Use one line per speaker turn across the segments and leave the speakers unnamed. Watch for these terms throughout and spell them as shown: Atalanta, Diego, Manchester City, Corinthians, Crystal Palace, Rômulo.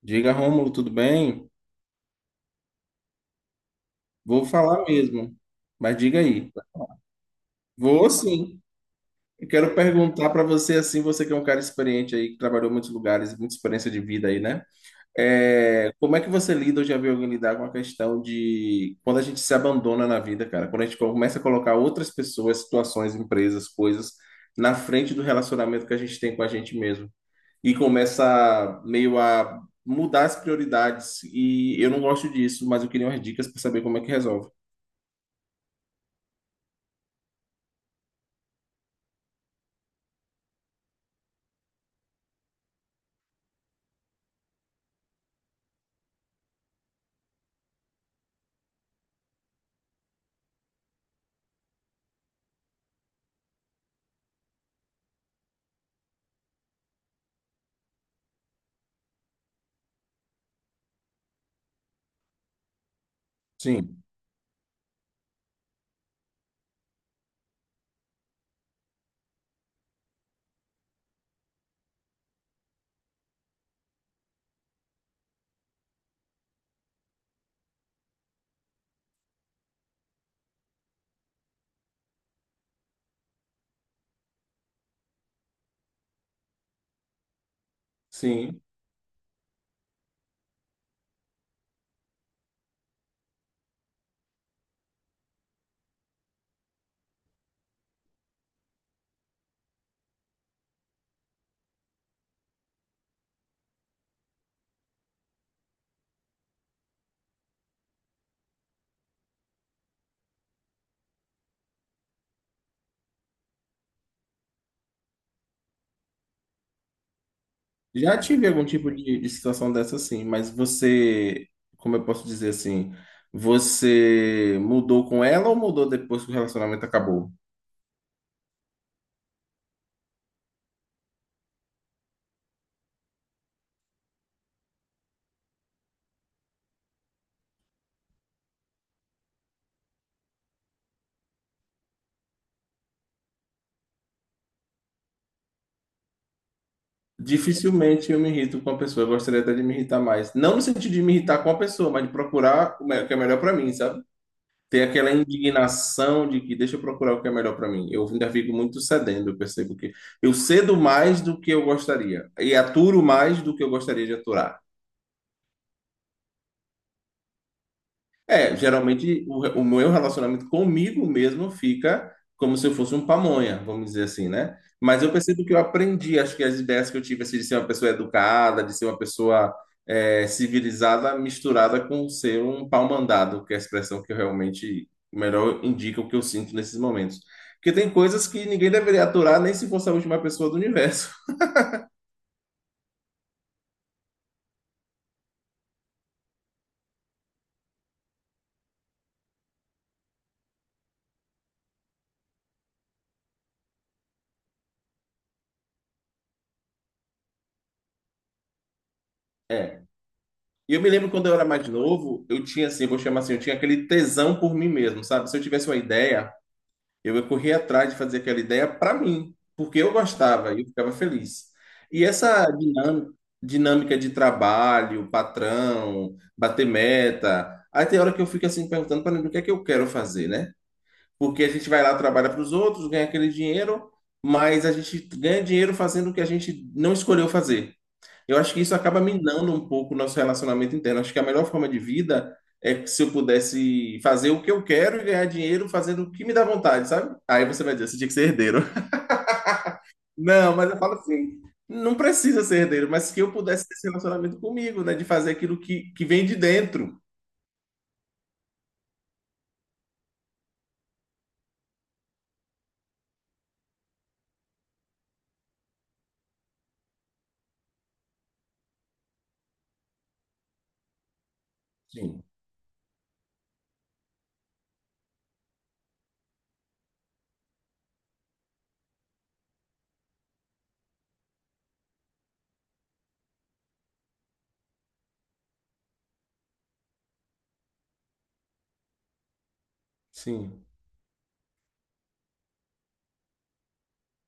Diga, Rômulo, tudo bem? Vou falar mesmo, mas diga aí. Vou sim. Eu quero perguntar para você, assim, você que é um cara experiente aí, que trabalhou em muitos lugares, muita experiência de vida aí, né? Como é que você lida, ou já viu alguém lidar com a questão de quando a gente se abandona na vida, cara? Quando a gente começa a colocar outras pessoas, situações, empresas, coisas na frente do relacionamento que a gente tem com a gente mesmo e começa meio a mudar as prioridades. E eu não gosto disso, mas eu queria umas dicas para saber como é que resolve. Sim, sim. Já tive algum tipo de situação dessa, sim, mas você, como eu posso dizer assim, você mudou com ela ou mudou depois que o relacionamento acabou? Dificilmente eu me irrito com a pessoa, eu gostaria até de me irritar mais. Não no sentido de me irritar com a pessoa, mas de procurar o que é melhor para mim, sabe? Ter aquela indignação de que deixa eu procurar o que é melhor para mim. Eu ainda fico muito cedendo, eu percebo que eu cedo mais do que eu gostaria e aturo mais do que eu gostaria de aturar. É, geralmente o meu relacionamento comigo mesmo fica como se eu fosse um pamonha, vamos dizer assim, né? Mas eu percebo que eu aprendi, acho que as ideias que eu tive, assim, de ser uma pessoa educada, de ser uma pessoa civilizada, misturada com ser um pau-mandado, que é a expressão que eu realmente melhor indica o que eu sinto nesses momentos. Porque tem coisas que ninguém deveria aturar, nem se fosse a última pessoa do universo. É. E eu me lembro quando eu era mais novo, eu tinha assim, eu vou chamar assim, eu tinha aquele tesão por mim mesmo, sabe? Se eu tivesse uma ideia. Eu corri atrás de fazer aquela ideia para mim, porque eu gostava e eu ficava feliz. E essa dinâmica, dinâmica de trabalho, patrão, bater meta, aí tem hora que eu fico assim perguntando para mim o que é que eu quero fazer, né? Porque a gente vai lá, trabalha para os outros, ganha aquele dinheiro, mas a gente ganha dinheiro fazendo o que a gente não escolheu fazer. Eu acho que isso acaba minando um pouco o nosso relacionamento interno. Acho que a melhor forma de vida é que, se eu pudesse fazer o que eu quero e ganhar dinheiro fazendo o que me dá vontade, sabe? Aí você vai dizer, você tinha que ser herdeiro. Não, mas eu falo assim, não precisa ser herdeiro, mas que eu pudesse ter esse relacionamento comigo, né? De fazer aquilo que vem de dentro. Sim, sim.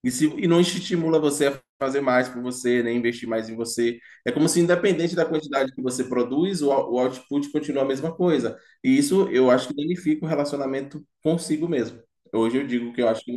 E não estimula você a fazer mais por você, nem investir mais em você. É como se, independente da quantidade que você produz, o output continua a mesma coisa. E isso eu acho que danifica o relacionamento consigo mesmo. Hoje eu digo que eu acho que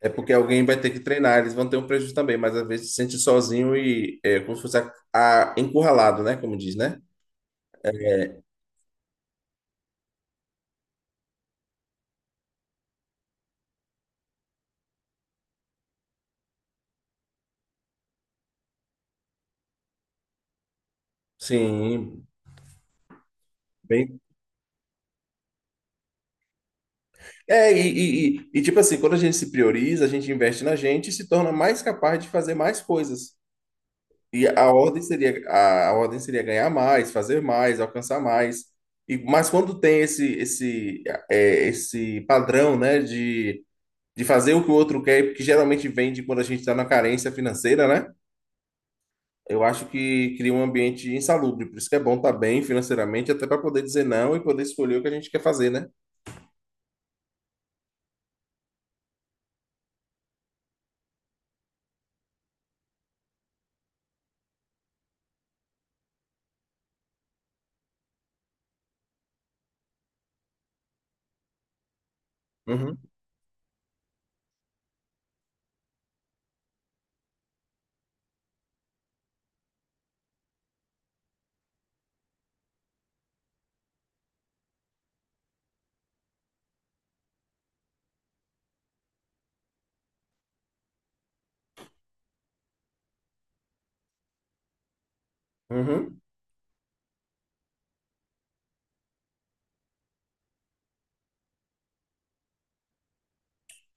é porque alguém vai ter que treinar, eles vão ter um prejuízo também, mas às vezes se sente sozinho e é como se fosse encurralado, né? Como diz, né? É, sim, bem. Tipo assim, quando a gente se prioriza, a gente investe na gente e se torna mais capaz de fazer mais coisas. E a ordem seria a ordem seria ganhar mais, fazer mais, alcançar mais. E, mas quando tem esse esse padrão, né, de fazer o que o outro quer, que geralmente vem de quando a gente está na carência financeira, né? Eu acho que cria um ambiente insalubre. Por isso que é bom estar bem financeiramente, até para poder dizer não e poder escolher o que a gente quer fazer, né? Uhum, uhum.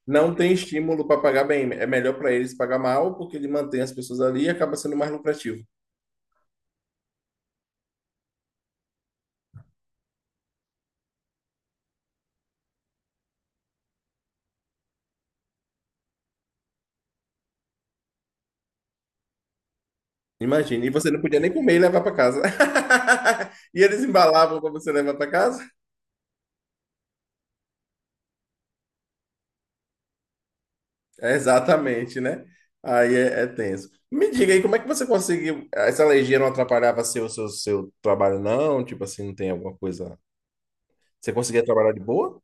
Não tem estímulo para pagar bem. É melhor para eles pagar mal, porque ele mantém as pessoas ali e acaba sendo mais lucrativo. Imagina, e você não podia nem comer e levar para casa. E eles embalavam para você levar para casa? É, exatamente, né? Aí é, é tenso. Me diga aí, como é que você conseguiu? Essa alergia não atrapalhava seu trabalho, não? Tipo assim, não tem alguma coisa. Você conseguia trabalhar de boa?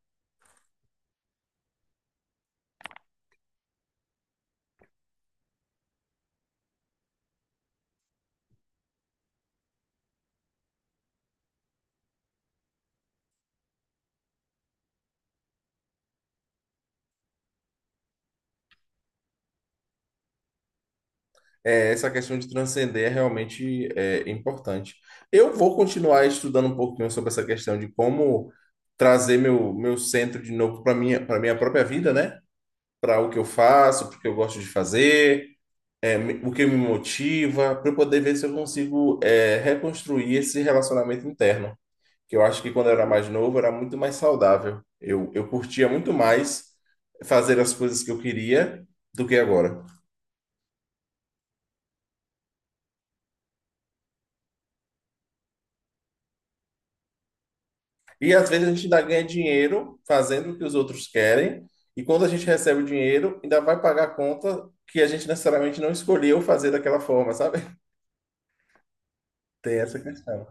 É, essa questão de transcender é realmente importante. Eu vou continuar estudando um pouquinho sobre essa questão de como trazer meu centro de novo para para minha própria vida, né? Para o que eu faço, porque eu gosto de fazer. O que me motiva, para eu poder ver se eu consigo reconstruir esse relacionamento interno, que eu acho que quando eu era mais novo era muito mais saudável. Eu curtia muito mais fazer as coisas que eu queria do que agora. E às vezes a gente ainda ganha dinheiro fazendo o que os outros querem, e quando a gente recebe o dinheiro, ainda vai pagar a conta que a gente necessariamente não escolheu fazer daquela forma, sabe? Tem essa questão.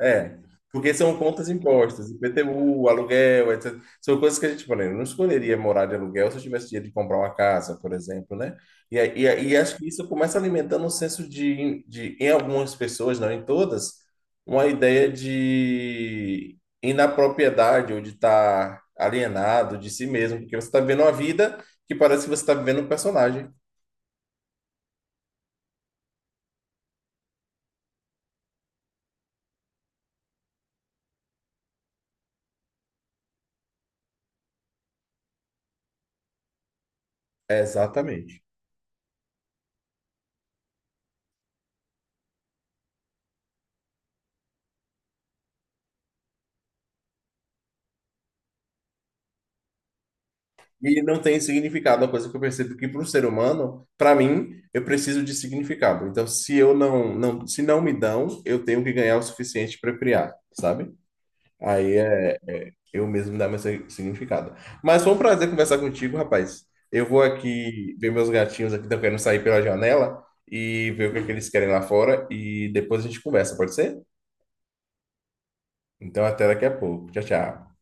É, porque são contas impostas, IPTU, aluguel, etc. São coisas que a gente, por exemplo, não escolheria morar de aluguel se eu tivesse dinheiro de comprar uma casa, por exemplo, né? E acho que isso começa alimentando um senso de, em algumas pessoas, não em todas, uma ideia de inapropriedade ou de estar alienado de si mesmo, porque você está vivendo uma vida que parece que você está vivendo um personagem. É, exatamente. E não tem significado. Uma coisa que eu percebo que para o ser humano, para mim, eu preciso de significado. Então, se eu se não me dão, eu tenho que ganhar o suficiente para criar, sabe? Aí é eu mesmo dar meu si- significado. Mas foi um prazer conversar contigo, rapaz. Eu vou aqui ver meus gatinhos aqui, estão querendo sair pela janela e ver o que, é que eles querem lá fora e depois a gente conversa, pode ser? Então, até daqui a pouco. Tchau, tchau.